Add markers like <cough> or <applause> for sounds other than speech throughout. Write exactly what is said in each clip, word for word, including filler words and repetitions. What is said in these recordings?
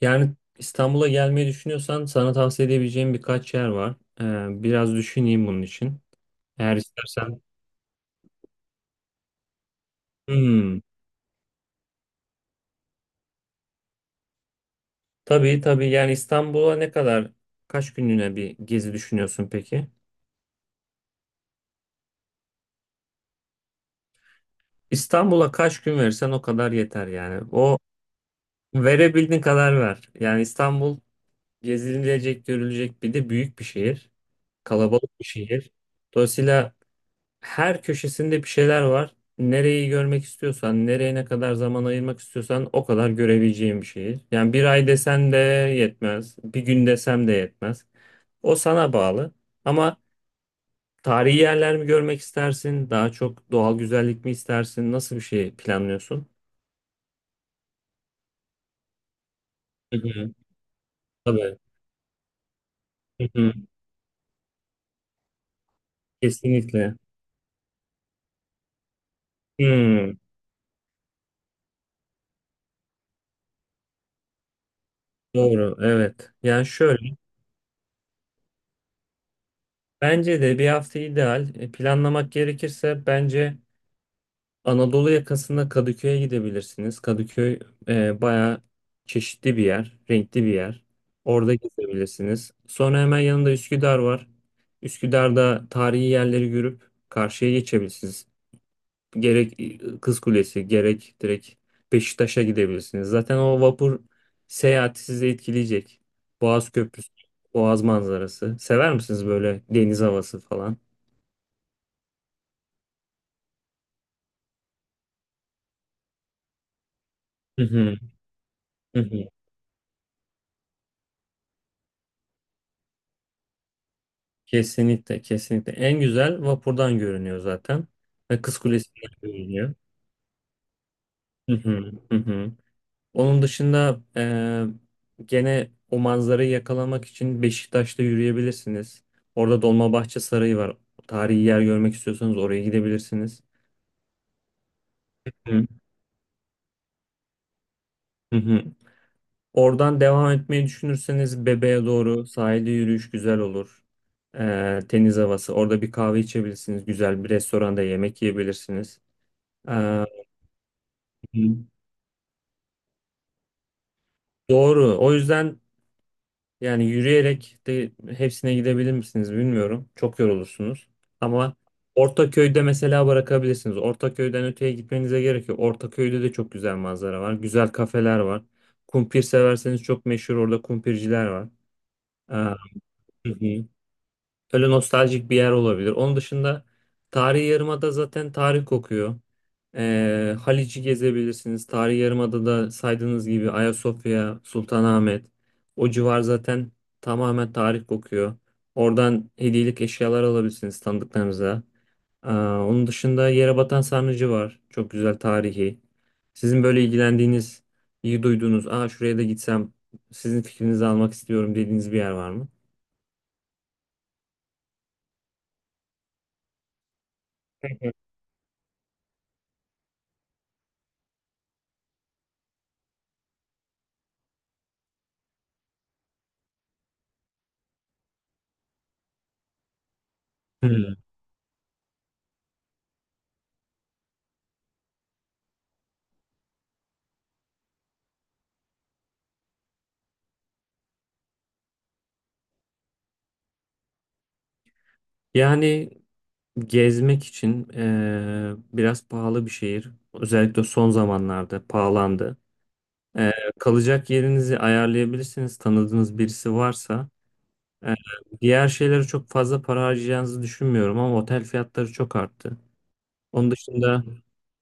Yani İstanbul'a gelmeyi düşünüyorsan sana tavsiye edebileceğim birkaç yer var. Ee, biraz düşüneyim bunun için. Eğer istersen. Hmm. Tabii tabii, yani İstanbul'a ne kadar, kaç günlüğüne bir gezi düşünüyorsun peki? İstanbul'a kaç gün verirsen o kadar yeter yani. O verebildiğin kadar ver. Yani İstanbul gezilecek, görülecek bir de büyük bir şehir. Kalabalık bir şehir. Dolayısıyla her köşesinde bir şeyler var. Nereyi görmek istiyorsan, nereye ne kadar zaman ayırmak istiyorsan o kadar görebileceğin bir şehir. Yani bir ay desen de yetmez, bir gün desem de yetmez. O sana bağlı. Ama tarihi yerler mi görmek istersin, daha çok doğal güzellik mi istersin, nasıl bir şey planlıyorsun? Hı hı. Tabii. Hı hı. Kesinlikle. Hmm, doğru, evet. Yani şöyle, bence de bir hafta ideal. E, Planlamak gerekirse bence Anadolu yakasında Kadıköy'e gidebilirsiniz. Kadıköy e, bayağı çeşitli bir yer, renkli bir yer. Orada gezebilirsiniz. Sonra hemen yanında Üsküdar var. Üsküdar'da tarihi yerleri görüp karşıya geçebilirsiniz. Gerek e, Kız Kulesi, gerek direkt Beşiktaş'a gidebilirsiniz. Zaten o vapur seyahati sizi etkileyecek. Boğaz Köprüsü, Boğaz manzarası. Sever misiniz böyle deniz havası falan? Hı hı. Hı hı. Kesinlikle, kesinlikle. En güzel vapurdan görünüyor zaten. Ve Kız Kulesi'nden görünüyor. Hı hı, hı hı. Onun dışında e, gene o manzarayı yakalamak için Beşiktaş'ta yürüyebilirsiniz. Orada Dolmabahçe Sarayı var. Tarihi yer görmek istiyorsanız oraya gidebilirsiniz. Hı hı. Hı. Oradan devam etmeyi düşünürseniz Bebe'ye doğru sahilde yürüyüş güzel olur. E, teniz havası. Orada bir kahve içebilirsiniz. Güzel bir restoranda yemek yiyebilirsiniz. E, Hı. Doğru. O yüzden yani yürüyerek de hepsine gidebilir misiniz bilmiyorum. Çok yorulursunuz. Ama Ortaköy'de mesela bırakabilirsiniz. Ortaköy'den öteye gitmenize gerek yok. Ortaköy'de de çok güzel manzara var. Güzel kafeler var. Kumpir severseniz çok meşhur orada kumpirciler var. Aa, hı hı. Öyle nostaljik bir yer olabilir. Onun dışında Tarihi Yarımada zaten tarih kokuyor. Ee, Haliç'i gezebilirsiniz. Tarihi Yarımada'da saydığınız gibi Ayasofya, Sultanahmet. O civar zaten tamamen tarih kokuyor. Oradan hediyelik eşyalar alabilirsiniz tanıdıklarınıza. Ee, onun dışında Yerebatan Sarnıcı var. Çok güzel tarihi. Sizin böyle ilgilendiğiniz, iyi duyduğunuz, aa şuraya da gitsem sizin fikrinizi almak istiyorum dediğiniz bir yer var mı? Hmm. Yani gezmek için eee, biraz pahalı bir şehir. Özellikle son zamanlarda pahalandı. Eee, Kalacak yerinizi ayarlayabilirsiniz. Tanıdığınız birisi varsa. Eee, Diğer şeylere çok fazla para harcayacağınızı düşünmüyorum ama otel fiyatları çok arttı. Onun dışında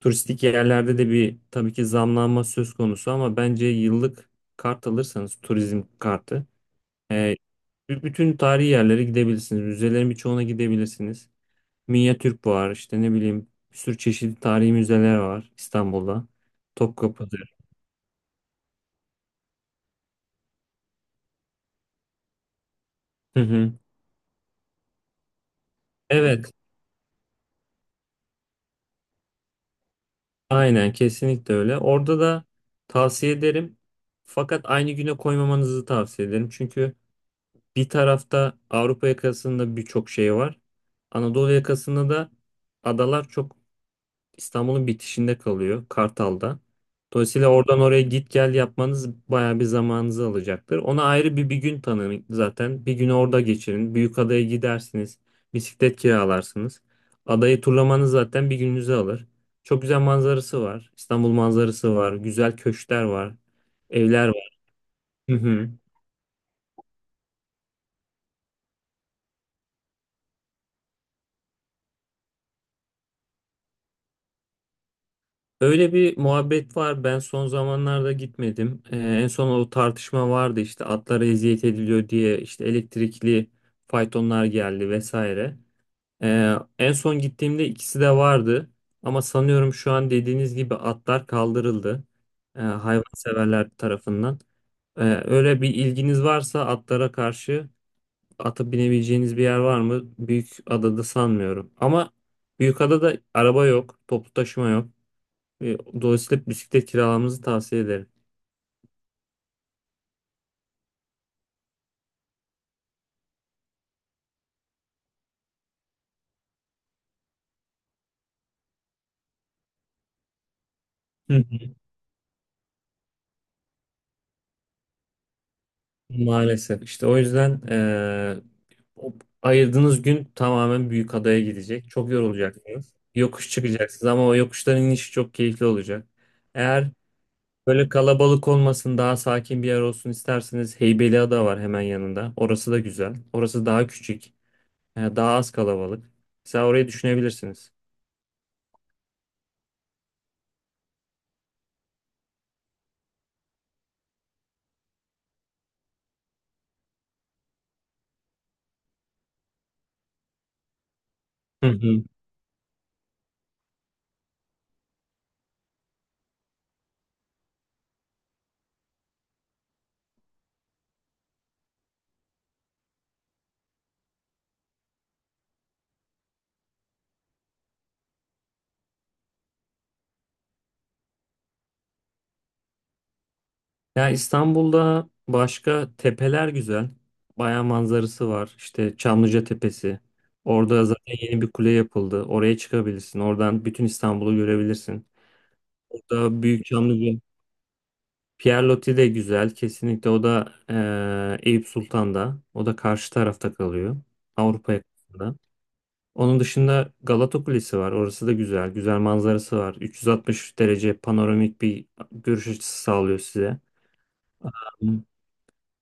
turistik yerlerde de bir tabii ki zamlanma söz konusu ama bence yıllık kart alırsanız, turizm kartı eee, b- bütün tarihi yerlere gidebilirsiniz. Müzelerin birçoğuna gidebilirsiniz. Minya Türk var, işte ne bileyim, bir sürü çeşitli tarihi müzeler var İstanbul'da. Topkapı'dır. Hı hı. Evet, aynen kesinlikle öyle. Orada da tavsiye ederim. Fakat aynı güne koymamanızı tavsiye ederim. Çünkü bir tarafta Avrupa yakasında birçok şey var. Anadolu yakasında da adalar çok İstanbul'un bitişinde kalıyor, Kartal'da. Dolayısıyla oradan oraya git gel yapmanız bayağı bir zamanınızı alacaktır. Ona ayrı bir, bir gün tanın zaten. Bir günü orada geçirin. Büyükada'ya gidersiniz. Bisiklet kiralarsınız. Adayı turlamanız zaten bir gününüzü alır. Çok güzel manzarası var. İstanbul manzarası var. Güzel köşkler var. Evler var. Hı hı. Öyle bir muhabbet var. Ben son zamanlarda gitmedim. Ee, en son o tartışma vardı, işte atlara eziyet ediliyor diye, işte elektrikli faytonlar geldi vesaire. Ee, en son gittiğimde ikisi de vardı. Ama sanıyorum şu an dediğiniz gibi atlar kaldırıldı. Ee, hayvanseverler tarafından. Ee, öyle bir ilginiz varsa atlara karşı, atı binebileceğiniz bir yer var mı? Büyükada'da sanmıyorum. Ama Büyükada'da araba yok, toplu taşıma yok. E, Dolayısıyla bisiklet kiralamanızı tavsiye ederim. Hı hı. Maalesef. İşte o yüzden e, o ayırdığınız gün tamamen büyük adaya gidecek. Çok yorulacaksınız. Yokuş çıkacaksınız ama o yokuşların inişi çok keyifli olacak. Eğer böyle kalabalık olmasın, daha sakin bir yer olsun isterseniz Heybeliada var hemen yanında. Orası da güzel. Orası daha küçük, e, daha az kalabalık. Mesela orayı düşünebilirsiniz. Hı hı. Ya İstanbul'da başka tepeler güzel. Bayağı manzarası var. İşte Çamlıca Tepesi. Orada zaten yeni bir kule yapıldı. Oraya çıkabilirsin. Oradan bütün İstanbul'u görebilirsin. Orada Büyük Çamlıca. Pierre de güzel. Kesinlikle, o da eee Eyüp Sultan'da. O da karşı tarafta kalıyor. Avrupa yakasında. Onun dışında Galata Kulesi var. Orası da güzel. Güzel manzarası var. üç yüz altmış derece panoramik bir görüş açısı sağlıyor size.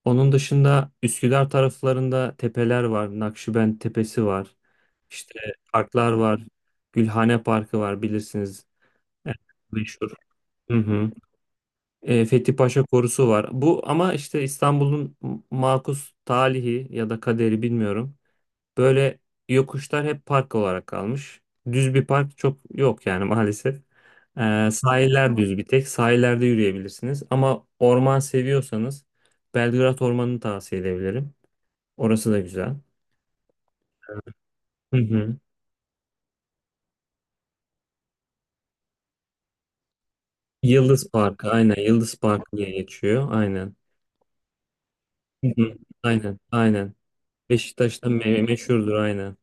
Onun dışında Üsküdar taraflarında tepeler var. Nakşibend Tepesi var. İşte parklar var. Gülhane Parkı var, bilirsiniz. Evet, meşhur. Hı hı. E, Fethi Paşa Korusu var. Bu ama işte İstanbul'un m- makus talihi ya da kaderi bilmiyorum. Böyle yokuşlar hep park olarak kalmış. Düz bir park çok yok yani <laughs> maalesef. E, sahiller düz bir tek. Sahillerde yürüyebilirsiniz. Ama orman seviyorsanız Belgrad Ormanı'nı tavsiye edebilirim. Orası da güzel. Hı hı. Yıldız Parkı, aynen, Yıldız Parkı diye geçiyor, aynen. Hı hı. Aynen aynen. Beşiktaş'ta me- meşhurdur aynen.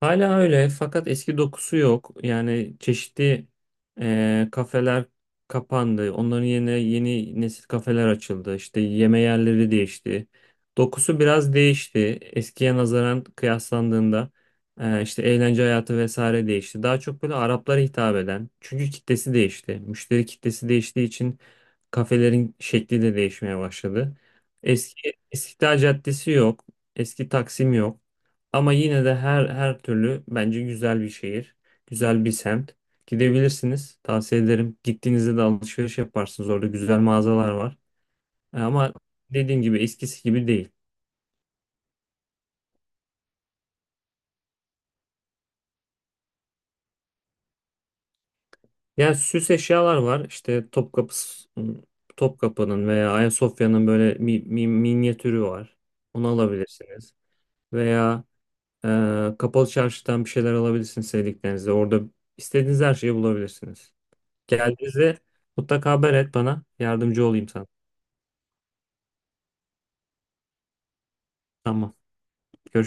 Hala öyle fakat eski dokusu yok. Yani çeşitli eee, kafeler kapandı. Onların yerine yeni nesil kafeler açıldı. İşte yeme yerleri değişti. Dokusu biraz değişti. Eskiye nazaran kıyaslandığında eee, işte eğlence hayatı vesaire değişti. Daha çok böyle Araplara hitap eden. Çünkü kitlesi değişti. Müşteri kitlesi değiştiği için kafelerin şekli de değişmeye başladı. Eski İstiklal Caddesi yok. Eski Taksim yok. Ama yine de her her türlü bence güzel bir şehir, güzel bir semt. Gidebilirsiniz. Tavsiye ederim. Gittiğinizde de alışveriş yaparsınız. Orada güzel mağazalar var. E, Ama dediğim gibi eskisi gibi değil. Yani süs eşyalar var. İşte Topkapı Topkapı'nın veya Ayasofya'nın böyle mi, mi- minyatürü var. Onu alabilirsiniz. Veya e, Kapalı Çarşı'dan bir şeyler alabilirsiniz sevdiklerinizle. Orada istediğiniz her şeyi bulabilirsiniz. Geldiğinizde mutlaka haber et bana. Yardımcı olayım sana. Tamam. Görüşmek